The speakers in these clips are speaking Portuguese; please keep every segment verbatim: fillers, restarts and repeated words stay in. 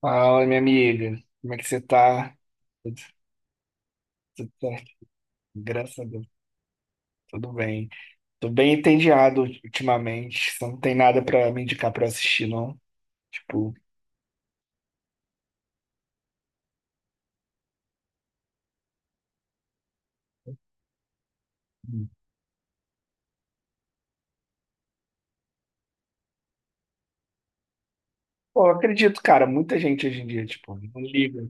Fala, minha amiga. Como é que você tá? Tudo, tudo certo? Graças a Deus, tudo bem. Tô bem entediado ultimamente. Você não tem nada pra me indicar pra eu assistir, não? Tipo, pô, eu acredito, cara, muita gente hoje em dia, tipo, não liga.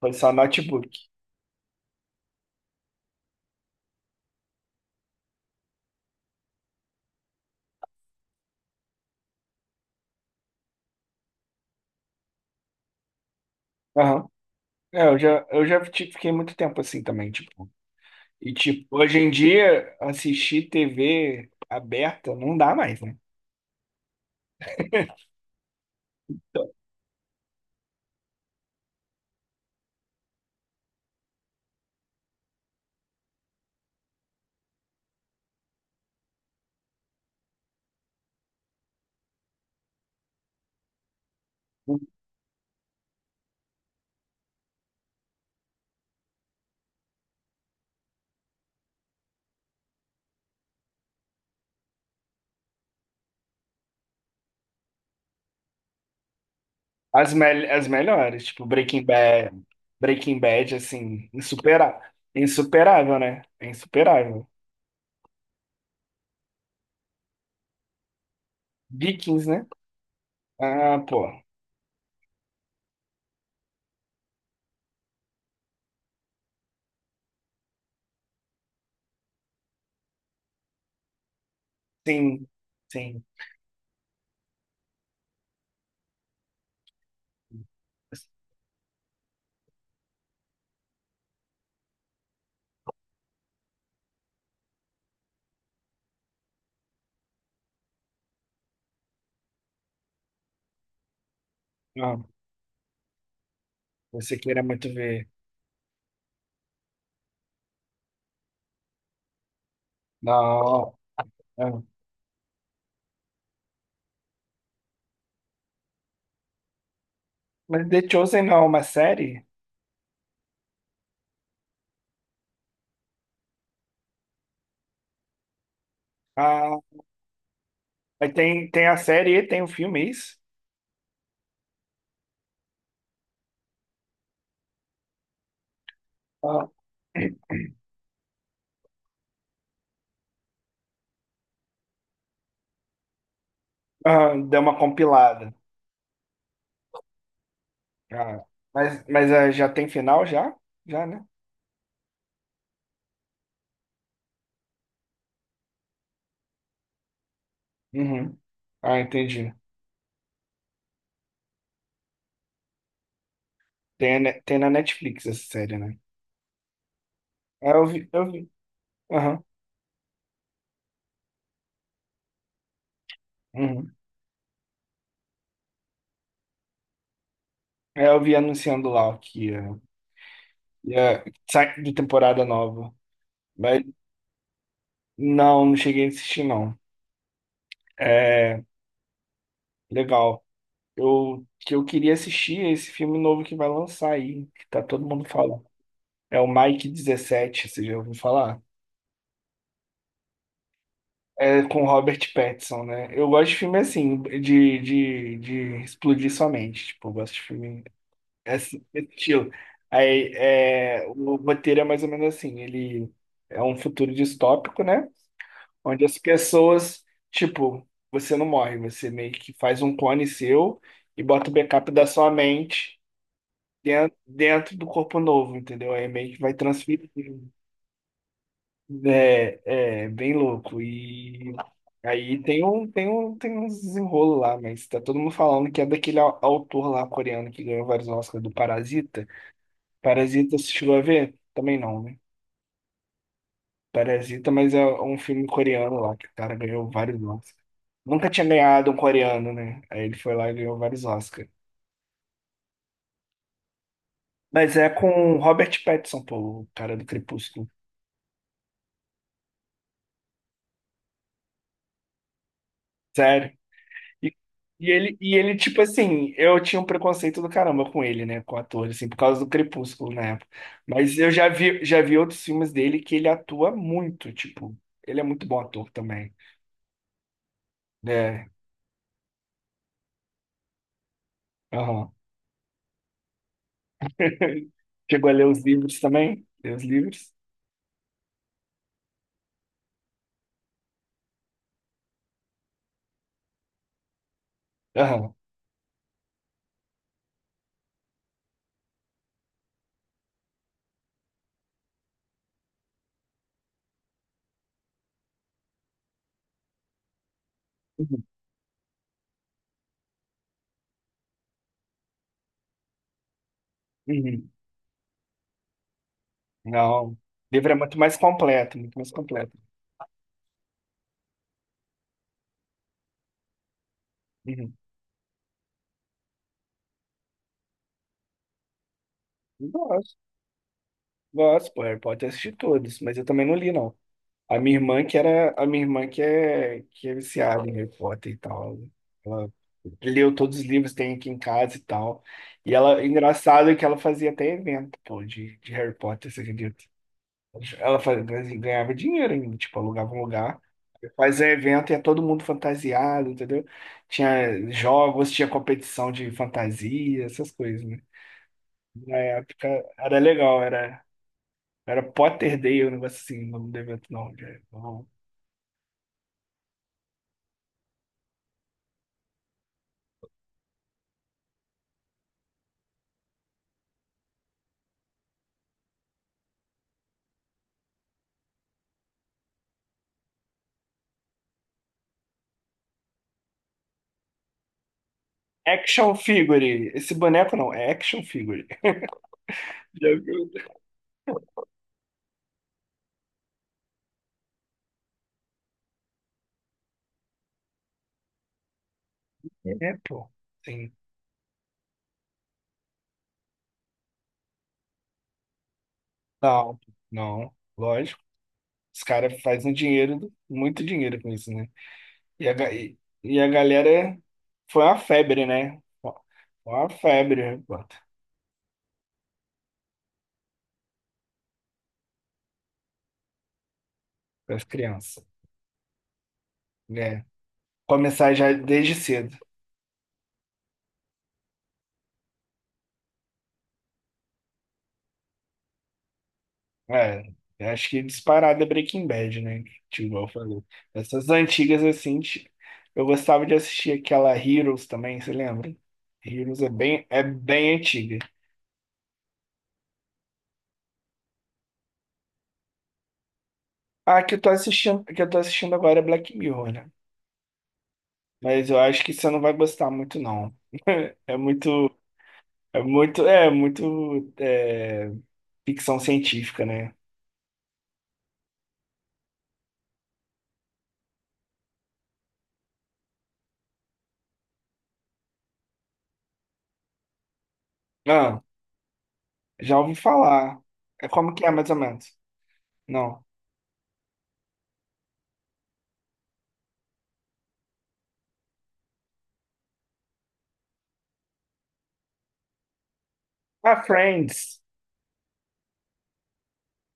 Foi só notebook. Aham. É, eu já, eu já tipo, fiquei muito tempo assim também, tipo. E, tipo, hoje em dia, assistir T V aberta não dá mais, né? Então, As, mel as melhores, tipo Breaking Bad, Breaking Bad, assim, insupera insuperável, né? É insuperável. Vikings, né? Ah, pô, sim, sim. Ah, você queira muito ver. Não, ah. Mas The Chosen não é uma série? Ah, aí tem, tem a série e tem o filme, é isso? Ah, ah, deu uma compilada. Ah, mas mas ah, já tem final, já? Já, né? Uhum. Ah, entendi. Tem, a ne- tem na Netflix essa série, né? É, eu vi, eu vi. Aham, uhum. É, eu vi anunciando lá que ia, ia sai de temporada nova. Mas não, não cheguei a assistir, não. É, legal. Eu, que eu queria assistir é esse filme novo que vai lançar aí, que tá todo mundo falando. É o Mike dezessete você já ouviu falar? É com Robert Pattinson, né? Eu gosto de filme assim, de, de, de explodir sua mente. Tipo, eu gosto de filme. É assim, esse estilo. Aí, é, o roteiro é mais ou menos assim, ele é um futuro distópico, né? Onde as pessoas, tipo, você não morre, você meio que faz um clone seu e bota o backup da sua mente dentro, dentro do corpo novo, entendeu? Aí meio que vai transferir. É, é bem louco. E aí tem um, tem um, tem uns desenrolo lá, mas tá todo mundo falando que é daquele au- autor lá coreano que ganhou vários Oscars do Parasita. Parasita, você chegou a ver? Também não, né? Parasita, mas é um filme coreano lá, que o cara ganhou vários Oscars. Nunca tinha ganhado um coreano, né? Aí ele foi lá e ganhou vários Oscars. Mas é com o Robert Pattinson, pô, o cara do Crepúsculo. Sério. E, e ele, e ele, tipo assim, eu tinha um preconceito do caramba com ele, né? Com o ator, assim, por causa do Crepúsculo na época. Mas eu já vi, já vi outros filmes dele que ele atua muito, tipo, ele é muito bom ator também. É, aham. Chegou a ler os livros também? Ler os livros? Aham. Uhum. Uhum. Não. O livro é muito mais completo, muito mais completo. Uhum. Gosto, gosto, pô. Harry Potter eu assisti todos, mas eu também não li, não. A minha irmã que era, a minha irmã que é, que é viciada em Harry Potter e tal. Ela leu todos os livros que tem aqui em casa e tal. E ela, engraçado é que ela fazia até evento, pô, de, de Harry Potter, você acredita? Ela faz- faz- ganhava dinheiro ainda, tipo, alugava um lugar, fazia evento e ia todo mundo fantasiado, entendeu? Tinha jogos, tinha competição de fantasia, essas coisas, né? Na época era legal, era, era Potter Day, um negócio assim, o nome do evento, não, né? Não. Action Figure. Esse boneco não, é Action Figure. Já viu? É, pô. Sim. Não, não, lógico. Os caras fazem dinheiro, muito dinheiro com isso, né? E a, ga- e, e a galera foi uma febre, né? Foi uma febre, pô, para as crianças. É. Começar já desde cedo. É, eu acho que disparada é Breaking Bad, né? Tipo, igual eu falei. Essas antigas, assim, ti- eu gostava de assistir aquela Heroes também, você lembra? Heroes é bem, é bem antiga. Ah, que eu tô assistindo, que eu tô assistindo agora é Black Mirror, né? Mas eu acho que você não vai gostar muito, não. É muito. É muito, é muito é, ficção científica, né? Ah, já ouvi falar. É como que é, mais ou menos? Não. Ah, Friends.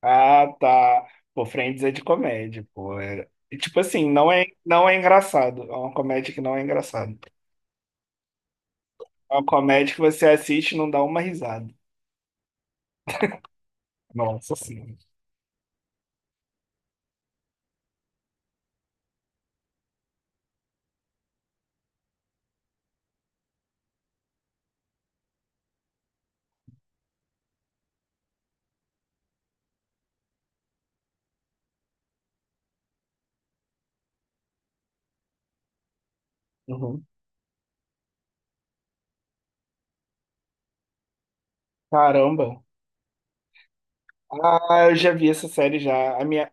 Ah, tá. Pô, Friends é de comédia, pô. É- e, tipo assim, não é, não é engraçado. É uma comédia que não é engraçada. É uma comédia que você assiste e não dá uma risada. Nossa senhora. Uhum. Caramba. Ah, eu já vi essa série já. A minha,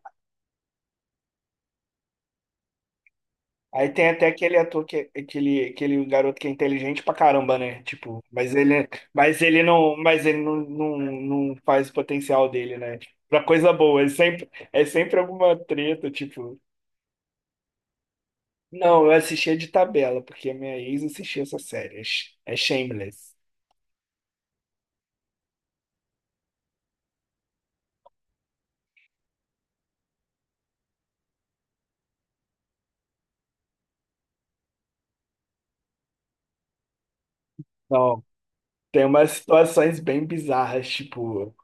Aí tem até aquele ator que é- aquele aquele garoto que é inteligente pra caramba, né? Tipo, mas ele mas ele não mas ele não, não, não faz o potencial dele, né? Tipo, pra coisa boa, é sempre é sempre alguma treta, tipo. Não, eu assistia de tabela, porque a minha ex assistia essa série. É Sh- é Shameless. Não, tem umas situações bem bizarras, tipo.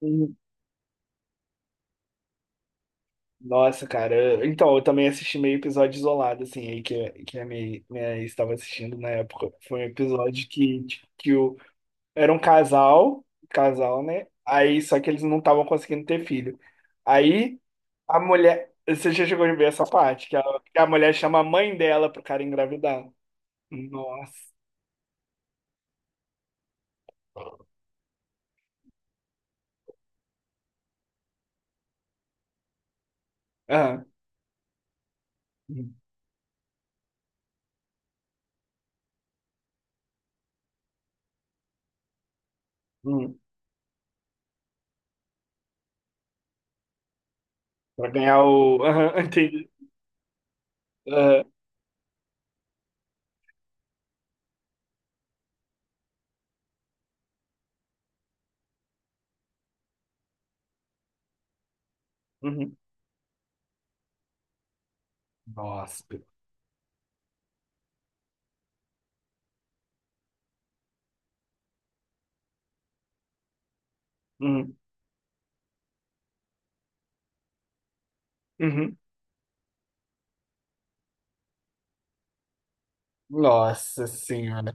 Uhum. Nossa, cara. eu- Então, eu também assisti meio episódio isolado, assim, aí que, que a minha, minha ex estava assistindo na época. Foi um episódio que, tipo, que o, era um casal, casal, né? Aí, só que eles não estavam conseguindo ter filho. Aí, a mulher. Você já chegou a ver essa parte, que a, que a mulher chama a mãe dela pro cara engravidar. Nossa. Aham. Uhum. Uhum. Pra ganhar o. Aham, entendi. Aham. Uhum. Nossa. Uhum. Uhum. Nossa senhora.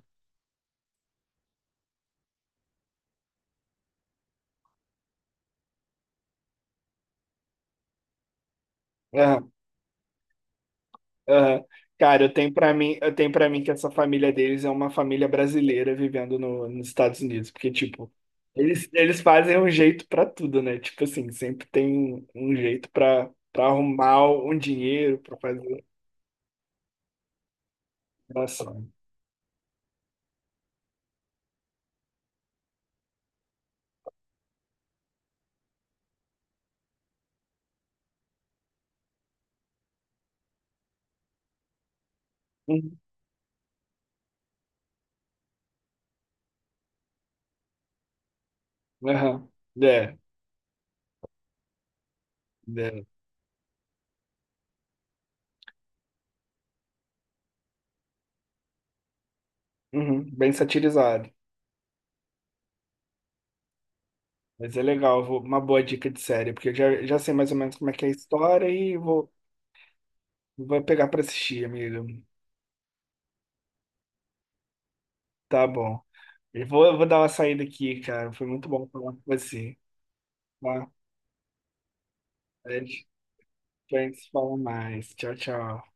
Aham. Cara, eu tenho pra mim, eu tenho para mim que essa família deles é uma família brasileira vivendo no, nos Estados Unidos, porque tipo, eles, eles fazem um jeito pra tudo, né? Tipo assim, sempre tem um, um jeito pra para arrumar um dinheiro pra fazer ação. Uhum. Aham. É, é. Uhum. Bem satirizado. Mas é legal, vou- uma boa dica de série, porque eu já, já sei mais ou menos como é que é a história e vou, vou pegar pra assistir, amigo. Tá bom. Eu vou, eu vou dar uma saída aqui, cara. Foi muito bom falar com você. Tá? A gente a gente se fala mais. Tchau, tchau.